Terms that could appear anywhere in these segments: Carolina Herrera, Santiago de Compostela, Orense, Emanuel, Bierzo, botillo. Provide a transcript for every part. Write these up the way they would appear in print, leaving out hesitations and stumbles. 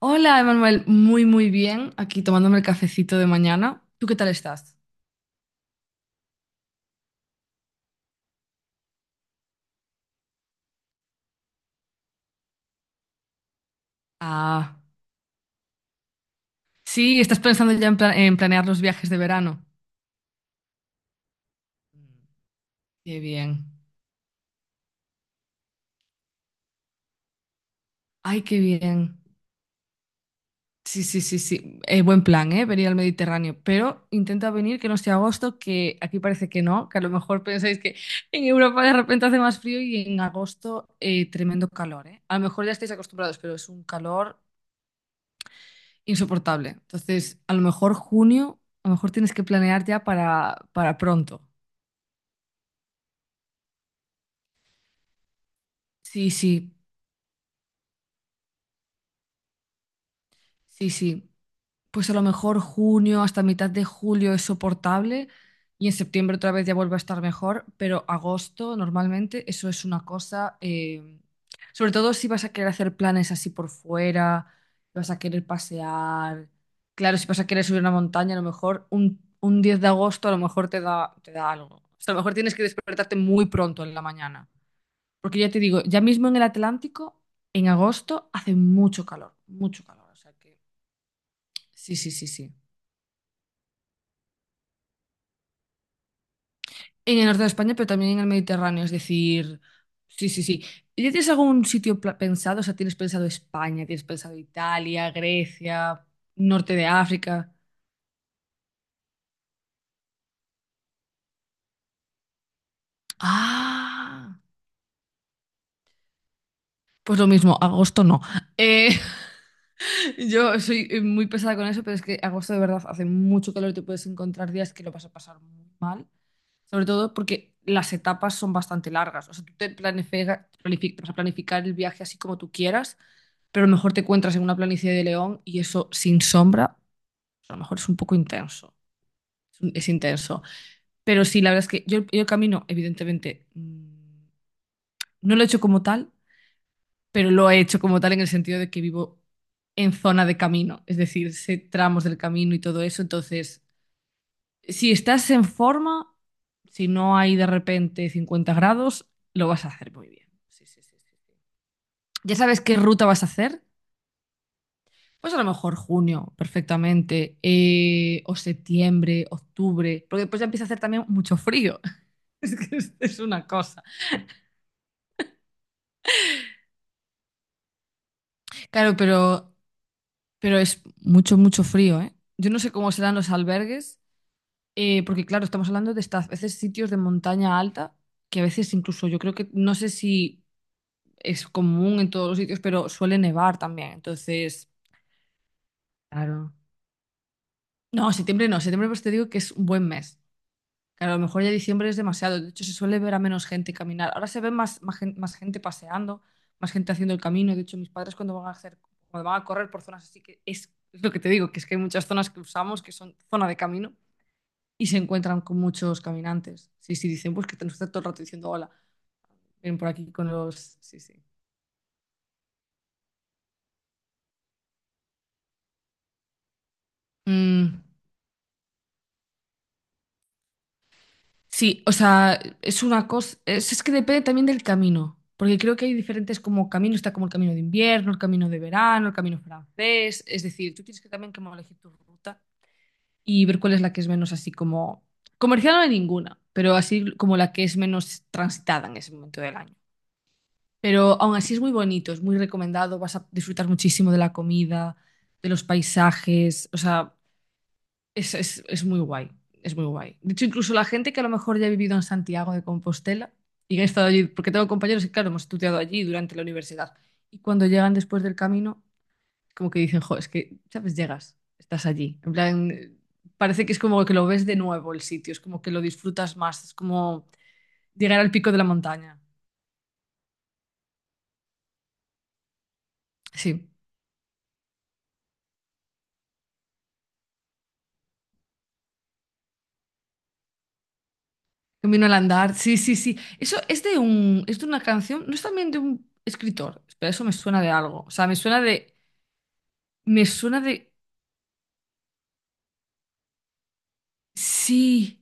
Hola, Emanuel. Muy, muy bien. Aquí tomándome el cafecito de mañana. ¿Tú qué tal estás? Ah, sí, estás pensando ya en, en planear los viajes de verano. Qué bien. Ay, qué bien. Sí, sí, sí, sí. Buen plan, ¿eh? Venir al Mediterráneo. Pero intenta venir que no sea agosto, que aquí parece que no, que a lo mejor pensáis que en Europa de repente hace más frío y en agosto tremendo calor, ¿eh? A lo mejor ya estáis acostumbrados, pero es un calor insoportable. Entonces, a lo mejor junio, a lo mejor tienes que planear ya para pronto. Sí, sí, sí, sí. Pues a lo mejor junio hasta mitad de julio es soportable y en septiembre otra vez ya vuelve a estar mejor, pero agosto normalmente eso es una cosa. Sobre todo si vas a querer hacer planes así por fuera, vas a querer pasear, claro, si vas a querer subir una montaña, a lo mejor un 10 de agosto a lo mejor te da algo. O sea, a lo mejor tienes que despertarte muy pronto en la mañana, porque ya te digo, ya mismo en el Atlántico, en agosto hace mucho calor, o sea que sí, sí, sí, sí. En el norte de España, pero también en el Mediterráneo, es decir, sí, sí, sí. ¿Ya tienes algún sitio pensado? O sea, ¿tienes pensado España? ¿Tienes pensado Italia, Grecia, norte de África? Ah, pues lo mismo, agosto no. Eh, Yo soy muy pesada con eso, pero es que agosto de verdad hace mucho calor y te puedes encontrar días que lo vas a pasar muy mal. Sobre todo porque las etapas son bastante largas. O sea, tú te te vas a planificar el viaje así como tú quieras, pero a lo mejor te encuentras en una planicie de León y eso sin sombra, pues a lo mejor es un poco intenso. Es intenso. Pero sí, la verdad es que yo el camino, evidentemente, no lo he hecho como tal, pero lo he hecho como tal en el sentido de que vivo en zona de camino, es decir, sé tramos del camino y todo eso. Entonces, si estás en forma, si no hay de repente 50 grados, lo vas a hacer muy bien. Sí, sí, sí, sí, sí. ¿Ya sabes qué ruta vas a hacer? Pues a lo mejor junio, perfectamente, o septiembre, octubre, porque después ya empieza a hacer también mucho frío. Es que es una cosa. Claro, pero es mucho, mucho frío, ¿eh? Yo no sé cómo serán los albergues. Porque claro, estamos hablando de estas veces sitios de montaña alta, que a veces incluso yo creo que, no sé si es común en todos los sitios, pero suele nevar también. Entonces, claro. No, septiembre no, septiembre pues te digo que es un buen mes. Claro, a lo mejor ya diciembre es demasiado. De hecho, se suele ver a menos gente caminar. Ahora se ve más más gente paseando, más gente haciendo el camino. De hecho, mis padres cuando van a hacer, cuando van a correr por zonas así que es lo que te digo, que es que hay muchas zonas que usamos que son zona de camino. Y se encuentran con muchos caminantes. Sí, sí, dicen, pues que nos está todo el rato diciendo hola, ven por aquí con los. Sí, sí. Mm, sí, o sea, es una cosa, es que depende también del camino, porque creo que hay diferentes como caminos, está como el camino de invierno, el camino de verano, el camino francés, es decir, tú tienes que también como elegir tu ruta y ver cuál es la que es menos así como. Comercial no hay ninguna, pero así como la que es menos transitada en ese momento del año. Pero aún así es muy bonito, es muy recomendado, vas a disfrutar muchísimo de la comida, de los paisajes, o sea, es muy guay, es muy guay. De hecho, incluso la gente que a lo mejor ya ha vivido en Santiago de Compostela y ha estado allí, porque tengo compañeros que, claro, hemos estudiado allí durante la universidad, y cuando llegan después del camino, como que dicen, jo, es que, ¿sabes? Llegas, estás allí. En plan, parece que es como que lo ves de nuevo el sitio, es como que lo disfrutas más, es como llegar al pico de la montaña. Sí. Camino al andar, sí, sí, sí. Eso es de una canción, no es también de un escritor. Espera, eso me suena de algo. O sea, me suena de, sí.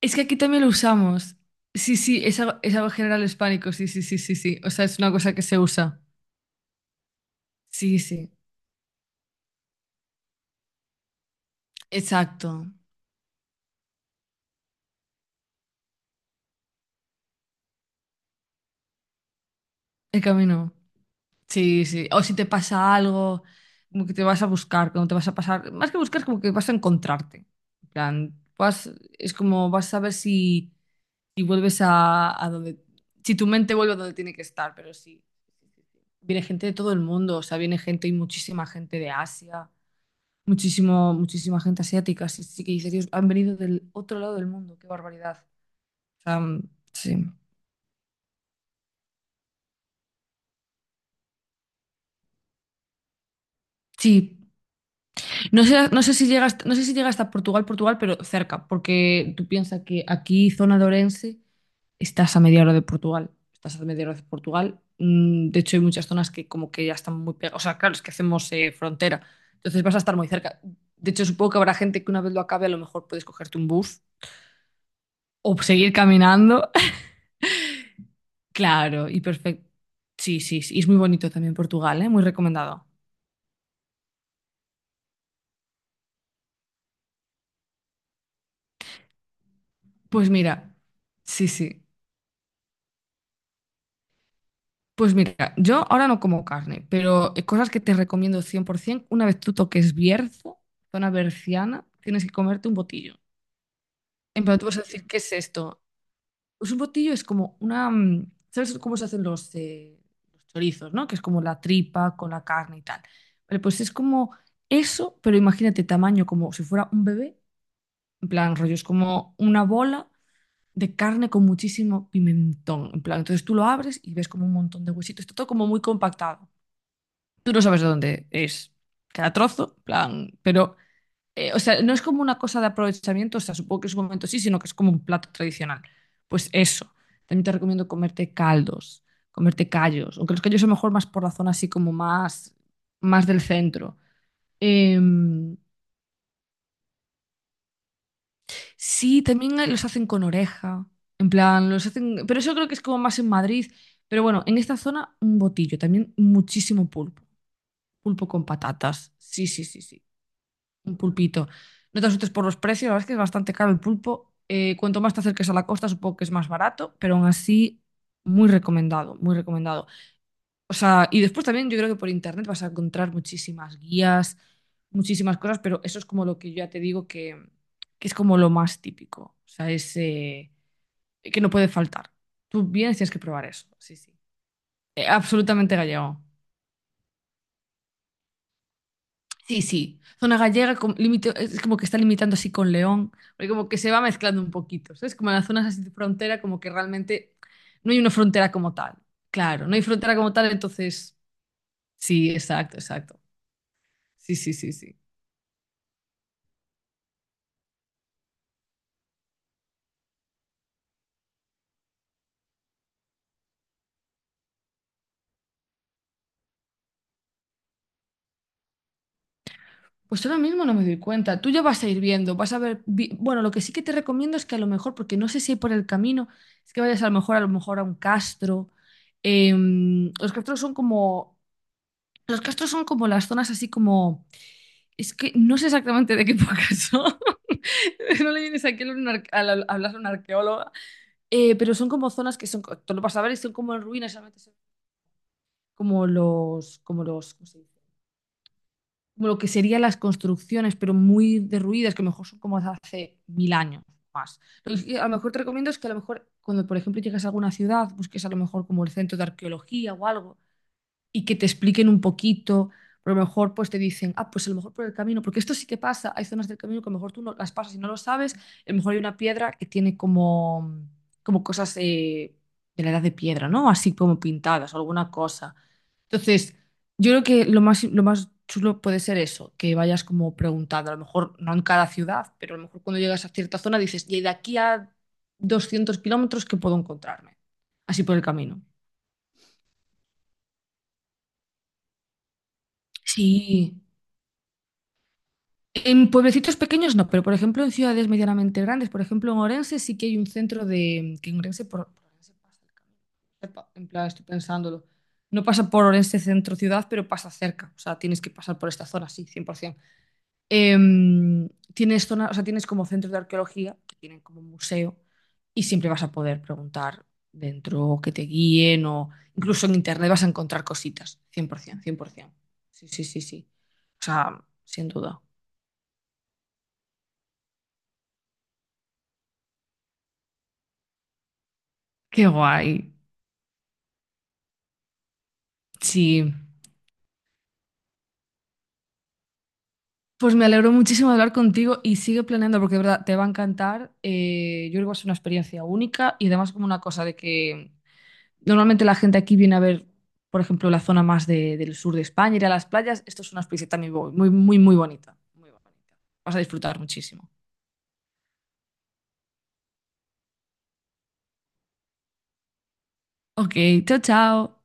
Es que aquí también lo usamos. Sí, sí, es algo general hispánico. Sí, sí, sí, sí, sí. O sea, es una cosa que se usa. Sí, sí. Exacto. El camino. Sí, sí. O si te pasa algo, como que te vas a buscar, como te vas a pasar, más que buscar, como que vas a encontrarte. En plan, vas, es como vas a ver si y vuelves a donde, si tu mente vuelve a donde tiene que estar, pero sí. Viene gente de todo el mundo, o sea, viene gente y muchísima gente de Asia, muchísima gente asiática, sí, sí que dices: "Dios, han venido del otro lado del mundo, qué barbaridad". O sea, sí. Sí. No sé, no sé si llega hasta, no sé si llega hasta Portugal, Portugal, pero cerca, porque tú piensas que aquí, zona de Orense, estás a media hora de Portugal. Estás a media hora de Portugal. De hecho, hay muchas zonas que como que ya están muy pegadas. O sea, claro, es que hacemos frontera. Entonces vas a estar muy cerca. De hecho, supongo que habrá gente que una vez lo acabe, a lo mejor puedes cogerte un bus o seguir caminando. Claro, y perfecto. Sí, sí, sí. Y es muy bonito también Portugal, ¿eh? Muy recomendado. Pues mira, sí, sí. Pues mira, yo ahora no como carne, pero cosas que te recomiendo 100%, una vez tú toques Bierzo, zona berciana, tienes que comerte un botillo. En plan, tú vas a decir, ¿qué es esto? Pues un botillo es como una. ¿Sabes cómo se hacen los chorizos, ¿no? Que es como la tripa con la carne y tal. Vale, pues es como eso, pero imagínate tamaño como si fuera un bebé. En plan, rollo, es como una bola de carne con muchísimo pimentón. En plan, entonces tú lo abres y ves como un montón de huesitos. Está todo como muy compactado. Tú no sabes de dónde es cada trozo, en plan, pero o sea, no es como una cosa de aprovechamiento, o sea, supongo que en su momento sí, sino que es como un plato tradicional. Pues eso. También te recomiendo comerte caldos, comerte callos, aunque los callos son mejor más por la zona así como más, más del centro. Em, sí, también hay- los hacen con oreja, en plan, los hacen, pero eso creo que es como más en Madrid. Pero bueno, en esta zona un botillo, también muchísimo pulpo, pulpo con patatas. Sí, sí, sí, sí. Un pulpito. No te asustes por los precios, la verdad es que es bastante caro el pulpo. Cuanto más te acerques a la costa, supongo que es más barato, pero aún así, muy recomendado, muy recomendado. O sea, y después también yo creo que por internet vas a encontrar muchísimas guías, muchísimas cosas, pero eso es como lo que yo ya te digo que es como lo más típico. O sea, es que no puede faltar. Tú vienes, tienes que probar eso. Sí, sí. Absolutamente gallego. Sí, sí. Zona gallega es como que está limitando así con León, porque como que se va mezclando un poquito, ¿sabes? Como en las zonas así de frontera, como que realmente no hay una frontera como tal. Claro, no hay frontera como tal, entonces sí, exacto, exacto. Sí, sí, sí, sí. Pues ahora mismo no me doy cuenta. Tú ya vas a ir viendo, vas a ver. Bueno, lo que sí que te recomiendo es que a lo mejor, porque no sé si hay por el camino, es que vayas a lo mejor a lo mejor a un castro. Em, los castros son como, los castros son como las zonas así como. Es que no sé exactamente de qué época son. No le vienes aquí a un ar- a la- hablar a una arqueóloga. Pero son como zonas que son, tú lo vas a ver y son como en ruinas, solamente son como ¿cómo se dice? Como lo que serían las construcciones, pero muy derruidas, que a lo mejor son como de hace 1000 años más. Lo que a lo mejor te recomiendo es que a lo mejor cuando, por ejemplo, llegas a alguna ciudad, busques a lo mejor como el centro de arqueología o algo y que te expliquen un poquito. Pero a lo mejor pues te dicen, ah, pues a lo mejor por el camino, porque esto sí que pasa, hay zonas del camino que a lo mejor tú no las pasas y no lo sabes, a lo mejor hay una piedra que tiene como, como cosas de la edad de piedra, ¿no? Así como pintadas o alguna cosa. Entonces, yo creo que lo más chulo puede ser eso, que vayas como preguntando, a lo mejor no en cada ciudad, pero a lo mejor cuando llegas a cierta zona dices, y de aquí a 200 kilómetros, ¿qué puedo encontrarme? Así por el camino. Sí. En pueblecitos pequeños no, pero por ejemplo en ciudades medianamente grandes, por ejemplo en Orense sí que hay un centro de... que en Orense por Orense pasa el camino. Epa. En plan, estoy pensándolo. No pasa por Orense centro ciudad, pero pasa cerca. O sea, tienes que pasar por esta zona, sí, 100%. Tienes zona, o sea, tienes como centros de arqueología, que tienen como un museo, y siempre vas a poder preguntar dentro, o que te guíen, o incluso en internet vas a encontrar cositas, por ciento, cien por 100%. Sí, sí, sí, sí. O sea, sin duda. Qué guay. Sí. Pues me alegro muchísimo de hablar contigo y sigue planeando porque de verdad te va a encantar. Yo creo que va a ser una experiencia única y además como una cosa de que normalmente la gente aquí viene a ver, por ejemplo, la zona más del sur de España, ir a las playas. Esto es una experiencia también muy, muy, muy, muy bonita. Muy bonita. Vas a disfrutar muchísimo. Ok, chao, chao.